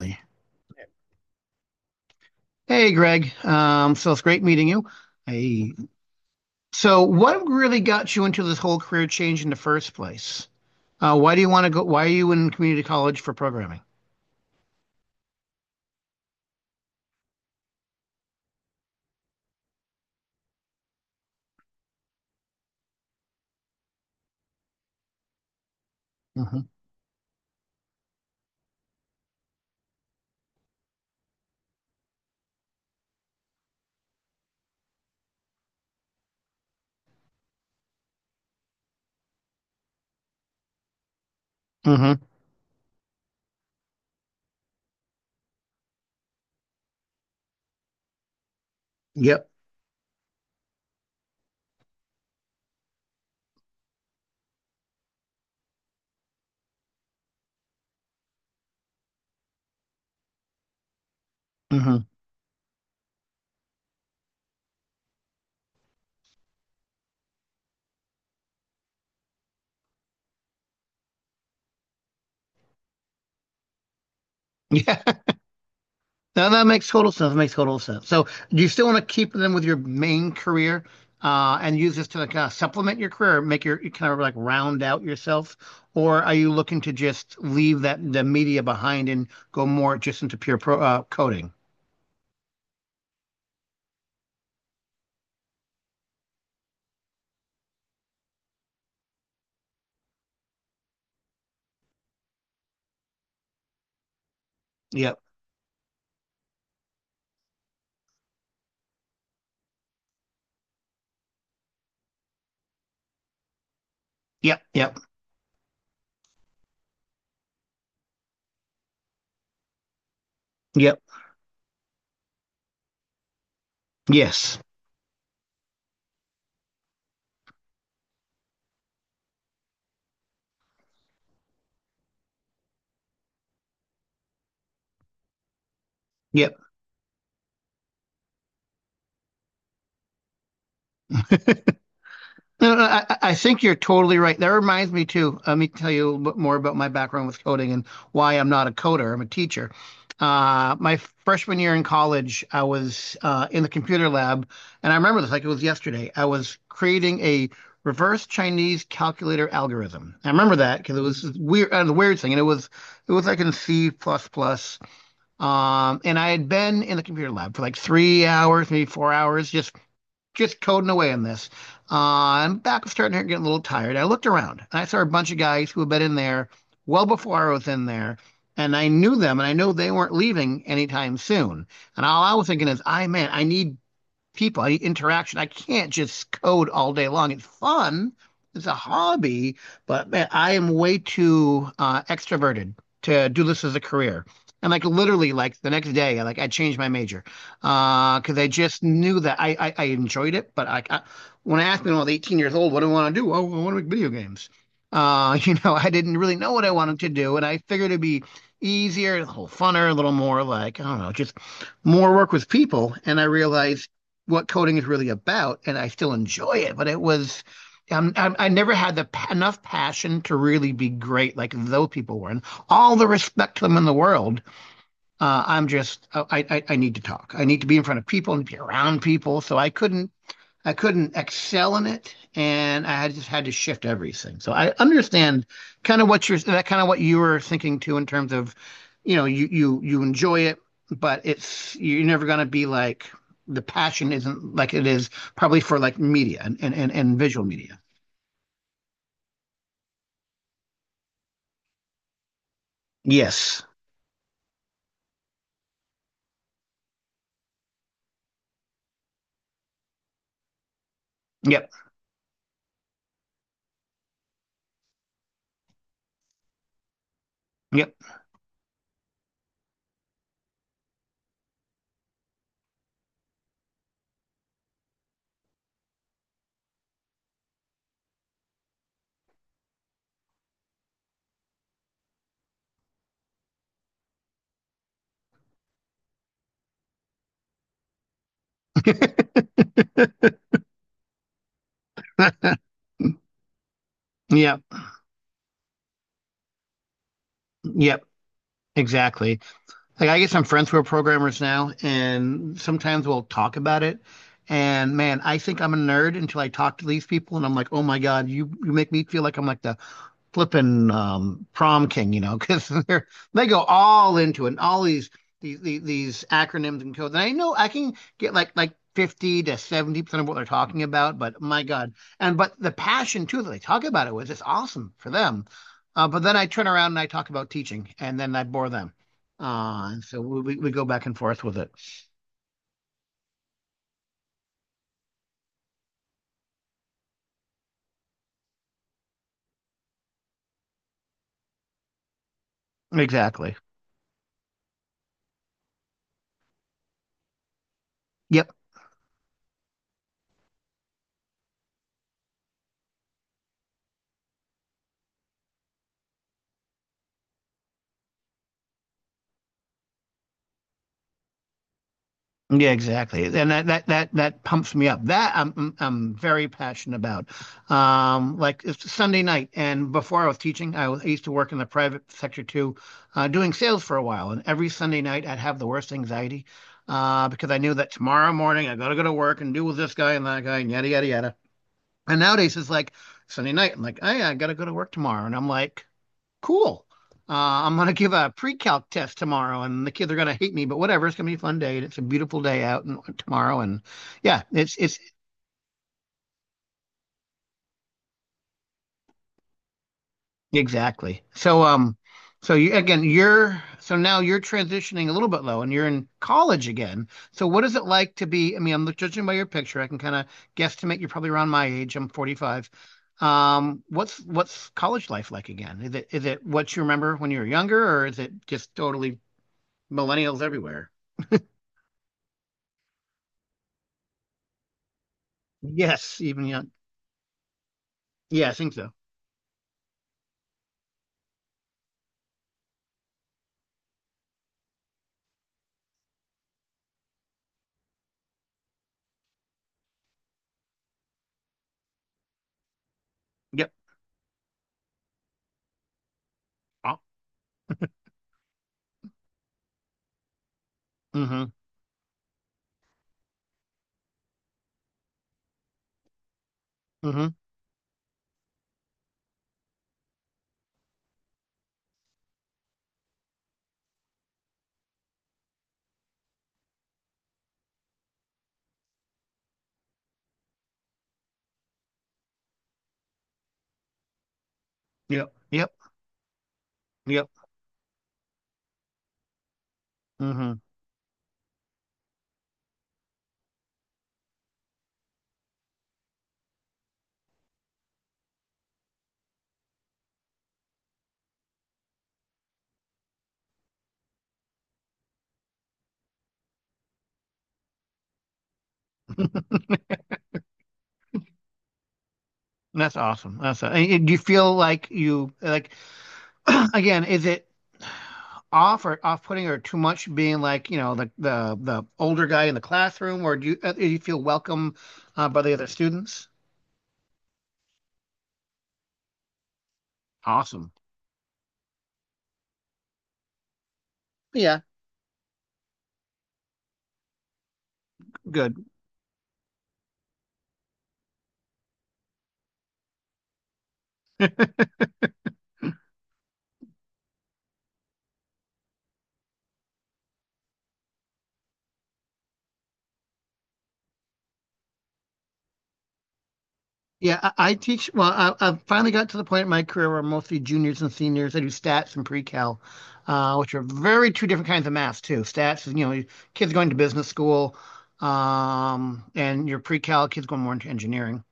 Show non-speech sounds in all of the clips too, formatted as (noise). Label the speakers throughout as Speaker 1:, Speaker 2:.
Speaker 1: Exactly. Hey, Greg. So it's great meeting you. I, so what really got you into this whole career change in the first place? Why do you want to go? Why are you in community college for programming? hmm hmm Yep. hmm (laughs) Yeah. No, that makes total sense. That makes total sense. So, do you still want to keep them with your main career and use this to like kind of supplement your career, or make your kind of like round out yourself, or are you looking to just leave that the media behind and go more just into pure coding? Yep. Yep. Yep. Yep. Yes. Yep. No, no, I think you're totally right. That reminds me too. Let me tell you a little bit more about my background with coding and why I'm not a coder. I'm a teacher. My freshman year in college, I was in the computer lab, and I remember this like it was yesterday. I was creating a reverse Chinese calculator algorithm. I remember that because it was weird, and it was like in C++. Plus plus. And I had been in the computer lab for like 3 hours, maybe 4 hours, just coding away on this. Am back was starting to get a little tired. I looked around and I saw a bunch of guys who had been in there well before I was in there. And I knew them and I know they weren't leaving anytime soon. And all I was thinking is, I man, I need people. I need interaction. I can't just code all day long. It's fun. It's a hobby, but man, I am way too extroverted to do this as a career. And like literally, like the next day, I changed my major because I just knew that I enjoyed it. But I When I asked me when I was 18 years old, what do I want to do? Oh, I want to make video games. (laughs) You know, I didn't really know what I wanted to do, and I figured it'd be easier, a little funner, a little more like I don't know, just more work with people. And I realized what coding is really about, and I still enjoy it, but it was. I never had the enough passion to really be great like those people were, and all the respect to them in the world. I'm just oh, I need to talk. I need to be in front of people and be around people. So I couldn't excel in it, and I just had to shift everything. So I understand kind of what you're that kind of what you were thinking too in terms of, you know, you enjoy it, but it's you're never gonna be like the passion isn't like it is probably for like media and visual media. Yes. Yep. Yep. (laughs) Yep. Yep. Exactly. Like I get some friends who are programmers now, and sometimes we'll talk about it. And man, I think I'm a nerd until I talk to these people, and I'm like, oh my God, you make me feel like I'm like the flipping prom king, you know, (laughs) because they're they go all into it, and all these these, acronyms and codes. And I know I can get like 50 to 70% of what they're talking about, but my God, and but the passion too that they talk about it was just awesome for them. But then I turn around and I talk about teaching, and then I bore them. And so we go back and forth with it. Exactly. Yep. Yeah, exactly, and that that pumps me up. That I'm mm, I'm very passionate about. Like it's Sunday night, and before I was teaching, I used to work in the private sector too, doing sales for a while. And every Sunday night, I'd have the worst anxiety, because I knew that tomorrow morning I gotta go to work and deal with this guy and that guy and yada yada yada. And nowadays it's like Sunday night. I'm like, oh, yeah, I gotta go to work tomorrow, and I'm like. Cool. Uh, I'm gonna give a pre-calc test tomorrow, and the kids are gonna hate me, but whatever. It's gonna be a fun day, and it's a beautiful day out and tomorrow, and yeah, it's exactly. So so you again, you're so now you're transitioning a little bit low, and you're in college again. So what is it like to be? I mean, I'm judging by your picture, I can kind of guesstimate you're probably around my age. I'm 45. What's college life like again? Is it what you remember when you were younger, or is it just totally millennials everywhere? Yes, even young. Yeah, I think so. Yep. Oh, mm-hmm. Mm-hmm. Yep. Yep. Yep. Mm-hmm. That's awesome. That's a- and do you feel like you like (clears throat) again, is it off or off-putting or too much being like, you know, the older guy in the classroom or do you feel welcome by the other students? Awesome. Yeah, good. Yeah, I teach. Well, I've finally got to the point in my career where I'm mostly juniors and seniors. I do stats and pre-cal, which are very two different kinds of math too. Stats is, you know, kids going to business school, and your pre-cal kids going more into engineering.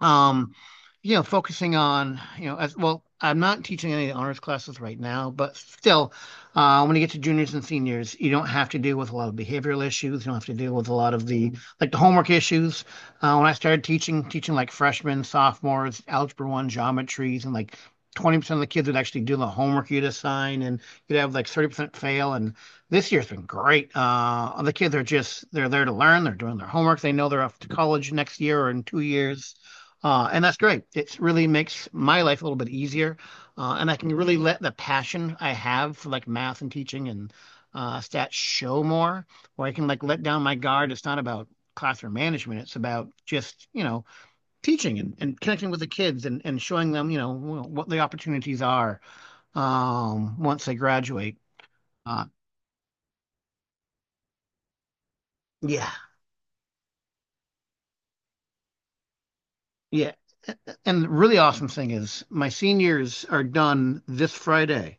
Speaker 1: Um, you know, focusing on, you know, as well, I'm not teaching any honors classes right now, but still, when you get to juniors and seniors, you don't have to deal with a lot of behavioral issues. You don't have to deal with a lot of the homework issues. When I started teaching like freshmen, sophomores, algebra one, geometries, and like 20% of the kids would actually do the homework you'd assign, and you'd have like 30% fail. And this year's been great. The kids are just they're there to learn. They're doing their homework. They know they're off to college next year or in 2 years. And that's great. It really makes my life a little bit easier. And I can really let the passion I have for like math and teaching and stats show more, or I can like let down my guard. It's not about classroom management. It's about just, you know, teaching and connecting with the kids and showing them, you know, what the opportunities are once they graduate. Uh, yeah. Yeah. And the really awesome thing is my seniors are done this Friday.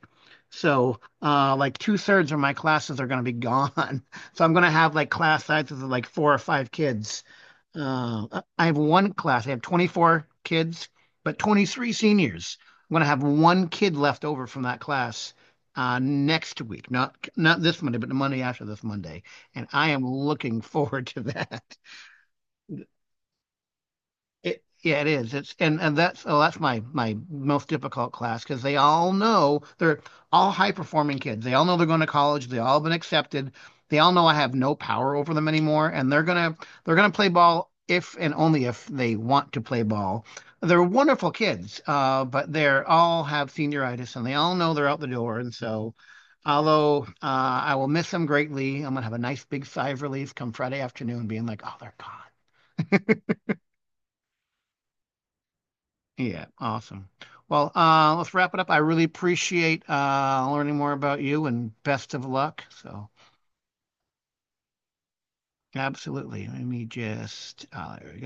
Speaker 1: So like two-thirds of my classes are gonna be gone. (laughs) So I'm gonna have like class sizes of like four or five kids. I have one class, I have 24 kids, but 23 seniors. I'm gonna have one kid left over from that class next week. Not this Monday, but the Monday after this Monday. And I am looking forward to that. It, yeah, it is. It's and that's oh, that's my most difficult class because they all know they're all high performing kids. They all know they're going to college. They all been accepted. They all know I have no power over them anymore, and they're gonna play ball if and only if they want to play ball. They're wonderful kids, but they're all have senioritis, and they all know they're out the door. And so, although I will miss them greatly, I'm gonna have a nice big sigh of relief come Friday afternoon, being like, oh, they're gone. Yeah, awesome. Well, let's wrap it up. I really appreciate learning more about you and best of luck. So, absolutely. Let me just,